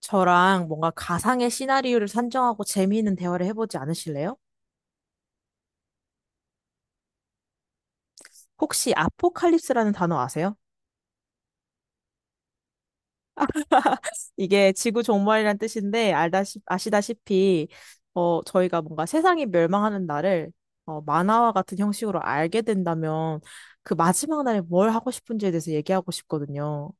저랑 뭔가 가상의 시나리오를 산정하고 재미있는 대화를 해보지 않으실래요? 혹시 아포칼립스라는 단어 아세요? 이게 지구 종말이란 뜻인데 아시다시피 저희가 뭔가 세상이 멸망하는 날을 만화와 같은 형식으로 알게 된다면 그 마지막 날에 뭘 하고 싶은지에 대해서 얘기하고 싶거든요.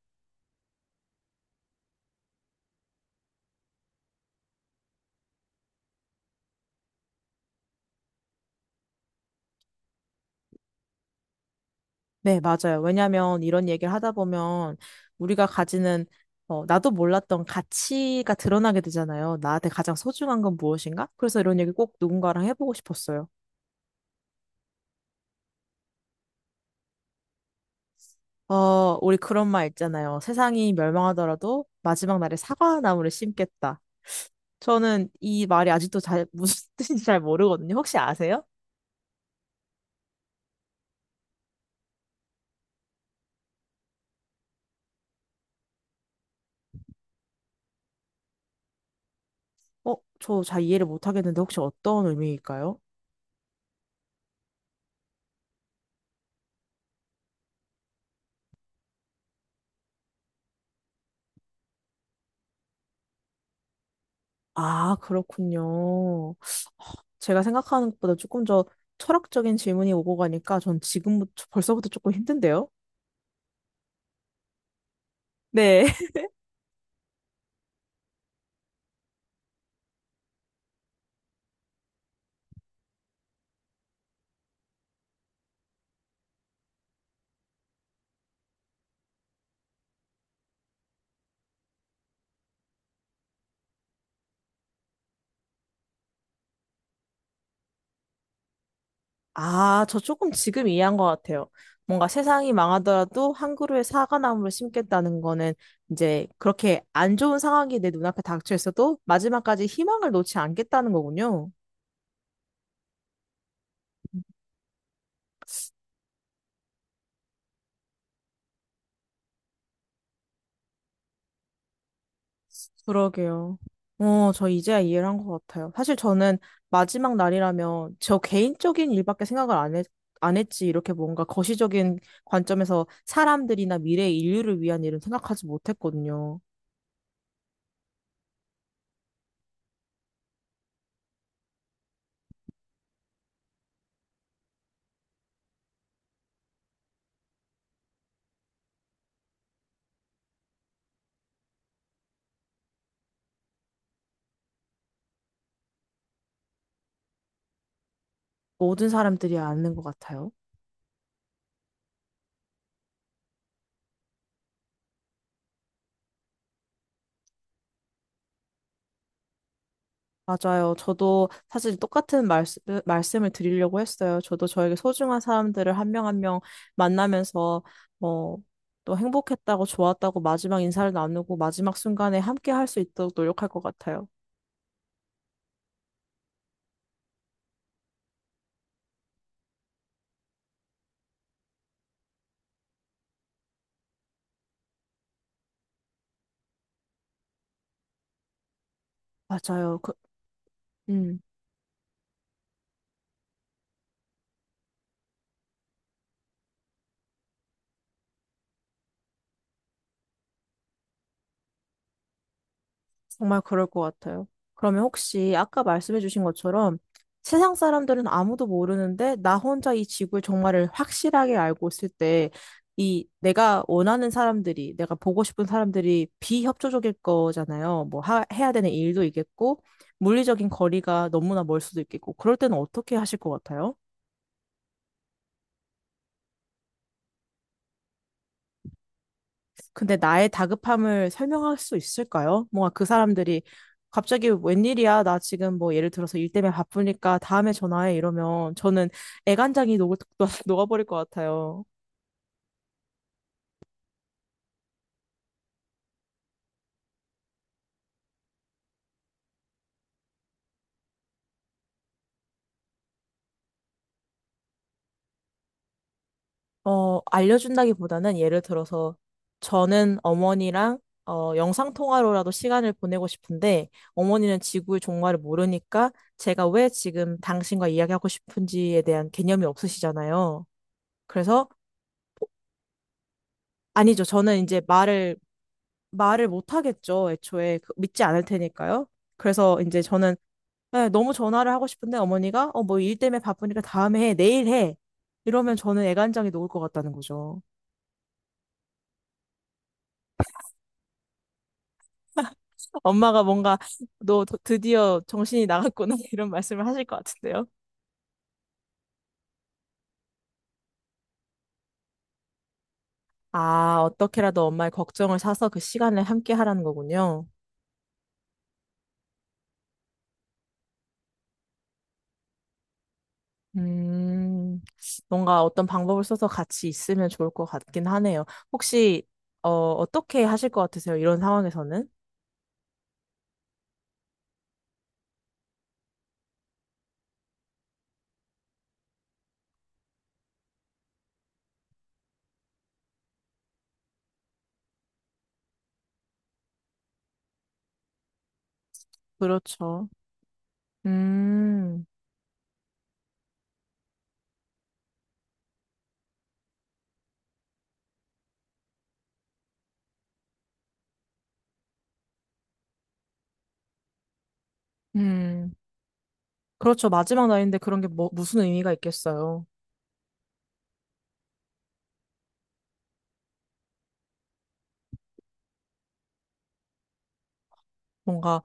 네, 맞아요. 왜냐하면 이런 얘기를 하다 보면 우리가 가지는 나도 몰랐던 가치가 드러나게 되잖아요. 나한테 가장 소중한 건 무엇인가? 그래서 이런 얘기 꼭 누군가랑 해보고 싶었어요. 우리 그런 말 있잖아요. 세상이 멸망하더라도 마지막 날에 사과나무를 심겠다. 저는 이 말이 아직도 잘, 무슨 뜻인지 잘 모르거든요. 혹시 아세요? 어, 저 잘 이해를 못 하겠는데 혹시 어떤 의미일까요? 아, 그렇군요. 제가 생각하는 것보다 조금 더 철학적인 질문이 오고 가니까 전 지금부터 벌써부터 조금 힘든데요? 네. 아, 저 조금 지금 이해한 것 같아요. 뭔가 세상이 망하더라도 한 그루의 사과나무를 심겠다는 거는 이제 그렇게 안 좋은 상황이 내 눈앞에 닥쳐 있어도 마지막까지 희망을 놓지 않겠다는 거군요. 그러게요. 저 이제야 이해를 한 것 같아요. 사실 저는 마지막 날이라면 저 개인적인 일밖에 생각을 안 했, 안 했지, 이렇게 뭔가 거시적인 관점에서 사람들이나 미래의 인류를 위한 일은 생각하지 못했거든요. 모든 사람들이 아는 것 같아요. 맞아요. 저도 사실 똑같은 말씀을 드리려고 했어요. 저도 저에게 소중한 사람들을 한 명 한 명 만나면서, 어, 또 행복했다고, 좋았다고, 마지막 인사를 나누고, 마지막 순간에 함께 할 수 있도록 노력할 것 같아요. 맞아요. 그, 음. 정말 그럴 것 같아요. 그러면 혹시 아까 말씀해 주신 것처럼 세상 사람들은 아무도 모르는데 나 혼자 이 지구의 정말을 확실하게 알고 있을 때 이 내가 원하는 사람들이 내가 보고 싶은 사람들이 비협조적일 거잖아요. 해야 되는 일도 있겠고 물리적인 거리가 너무나 멀 수도 있겠고 그럴 때는 어떻게 하실 것 같아요? 근데 나의 다급함을 설명할 수 있을까요? 뭔가 그 사람들이 갑자기 웬일이야? 나 지금 뭐 예를 들어서 일 때문에 바쁘니까 다음에 전화해 이러면 저는 애간장이 녹을, 녹아버릴 것 같아요. 알려준다기보다는 예를 들어서 저는 어머니랑 영상통화로라도 시간을 보내고 싶은데 어머니는 지구의 종말을 모르니까 제가 왜 지금 당신과 이야기하고 싶은지에 대한 개념이 없으시잖아요. 그래서 아니죠. 저는 이제 말을 못 하겠죠. 애초에 믿지 않을 테니까요. 그래서 이제 저는 네, 너무 전화를 하고 싶은데 어머니가 뭐 일 때문에 바쁘니까 다음에 해, 내일 해. 이러면 저는 애간장이 녹을 것 같다는 거죠. 엄마가 뭔가 너 드디어 정신이 나갔구나 이런 말씀을 하실 것 같은데요. 아, 어떻게라도 엄마의 걱정을 사서 그 시간을 함께 하라는 거군요. 음, 뭔가 어떤 방법을 써서 같이 있으면 좋을 것 같긴 하네요. 혹시, 어떻게 하실 것 같으세요? 이런 상황에서는? 그렇죠. 음, 음. 그렇죠. 마지막 날인데 그런 게 뭐, 무슨 의미가 있겠어요. 뭔가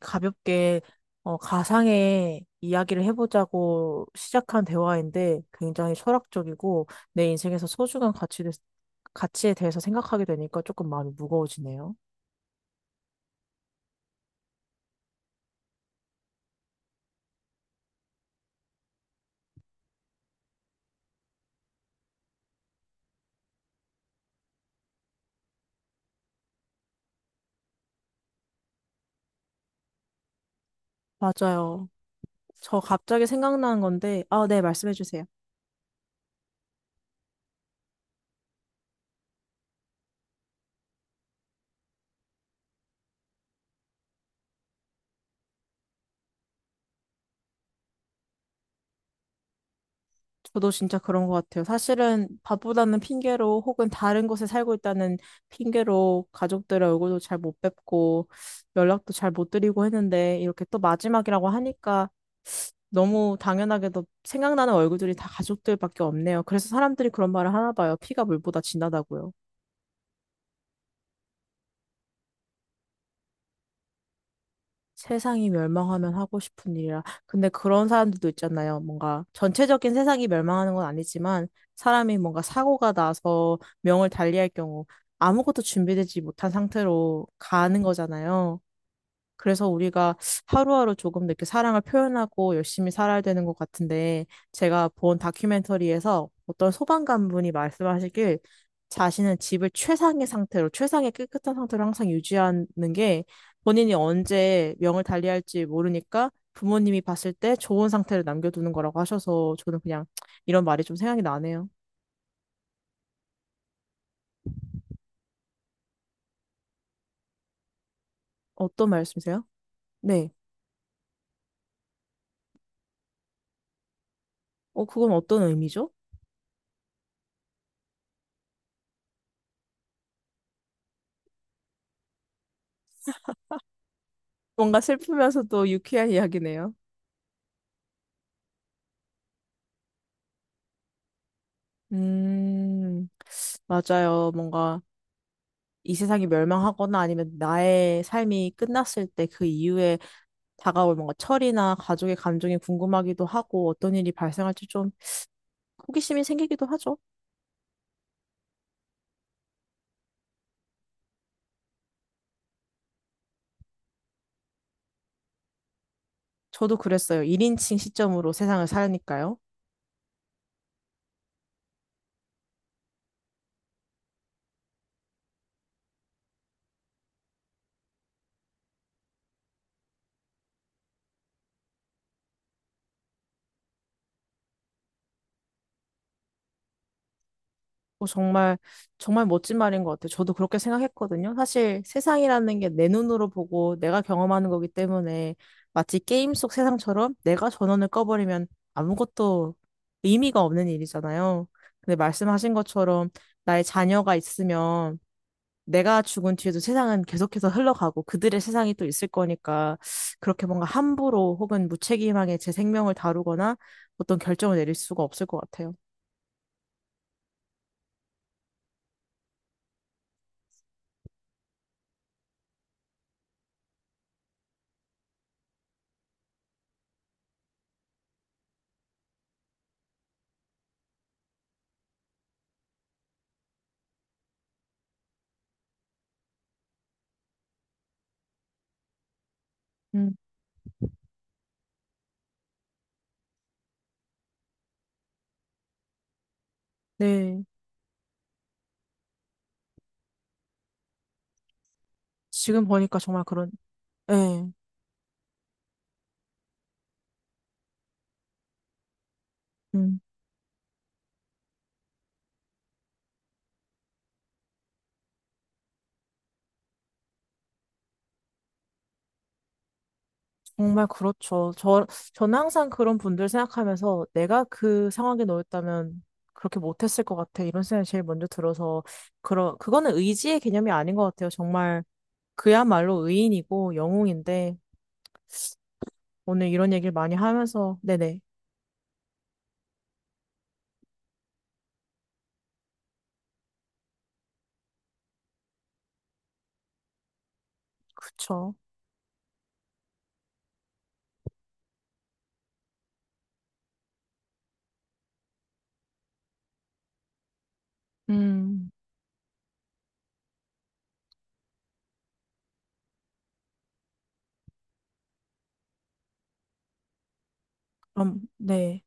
가볍게 가상의 이야기를 해보자고 시작한 대화인데 굉장히 철학적이고 내 인생에서 소중한 가치에 대해서 생각하게 되니까 조금 마음이 무거워지네요. 맞아요. 저 갑자기 생각나는 건데, 아, 네, 말씀해 주세요. 저도 진짜 그런 것 같아요. 사실은 밥보다는 핑계로 혹은 다른 곳에 살고 있다는 핑계로 가족들의 얼굴도 잘 못 뵙고 연락도 잘 못 드리고 했는데 이렇게 또 마지막이라고 하니까 너무 당연하게도 생각나는 얼굴들이 다 가족들밖에 없네요. 그래서 사람들이 그런 말을 하나 봐요. 피가 물보다 진하다고요. 세상이 멸망하면 하고 싶은 일이라. 근데 그런 사람들도 있잖아요. 뭔가 전체적인 세상이 멸망하는 건 아니지만 사람이 뭔가 사고가 나서 명을 달리할 경우 아무것도 준비되지 못한 상태로 가는 거잖아요. 그래서 우리가 하루하루 조금 더 이렇게 사랑을 표현하고 열심히 살아야 되는 것 같은데, 제가 본 다큐멘터리에서 어떤 소방관분이 말씀하시길, 자신은 집을 최상의 상태로, 최상의 깨끗한 상태로 항상 유지하는 게 본인이 언제 명을 달리할지 모르니까 부모님이 봤을 때 좋은 상태를 남겨두는 거라고 하셔서 저는 그냥 이런 말이 좀 생각이 나네요. 어떤 말씀이세요? 네. 그건 어떤 의미죠? 뭔가 슬프면서도 유쾌한 이야기네요. 음. 맞아요. 뭔가 이 세상이 멸망하거나 아니면 나의 삶이 끝났을 때 그 이후에 다가올 뭔가 철이나 가족의 감정이 궁금하기도 하고 어떤 일이 발생할지 좀 호기심이 생기기도 하죠. 저도 그랬어요. 1인칭 시점으로 세상을 살니까요. 어, 정말, 정말 멋진 말인 것 같아요. 저도 그렇게 생각했거든요. 사실 세상이라는 게 내 눈으로 보고 내가 경험하는 거기 때문에 마치 게임 속 세상처럼 내가 전원을 꺼버리면 아무것도 의미가 없는 일이잖아요. 근데 말씀하신 것처럼 나의 자녀가 있으면 내가 죽은 뒤에도 세상은 계속해서 흘러가고 그들의 세상이 또 있을 거니까 그렇게 뭔가 함부로 혹은 무책임하게 제 생명을 다루거나 어떤 결정을 내릴 수가 없을 것 같아요. 음, 네. 지금 보니까 정말 그런, 네. 음, 정말 그렇죠. 저는 항상 그런 분들 생각하면서 내가 그 상황에 놓였다면 그렇게 못했을 것 같아. 이런 생각이 제일 먼저 들어서, 그거는 의지의 개념이 아닌 것 같아요. 정말 그야말로 의인이고 영웅인데 오늘 이런 얘기를 많이 하면서 네네 그쵸. 음, 그럼 네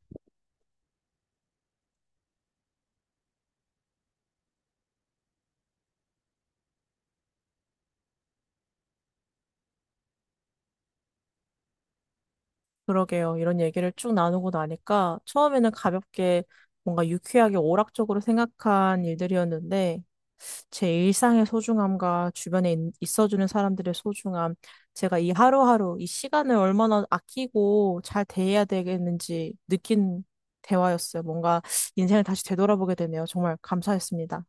그러게요. 이런 얘기를 쭉 나누고 나니까 처음에는 가볍게 뭔가 유쾌하게 오락적으로 생각한 일들이었는데 제 일상의 소중함과 주변에 있어주는 사람들의 소중함, 제가 이 하루하루 이 시간을 얼마나 아끼고 잘 대해야 되겠는지 느낀 대화였어요. 뭔가 인생을 다시 되돌아보게 되네요. 정말 감사했습니다.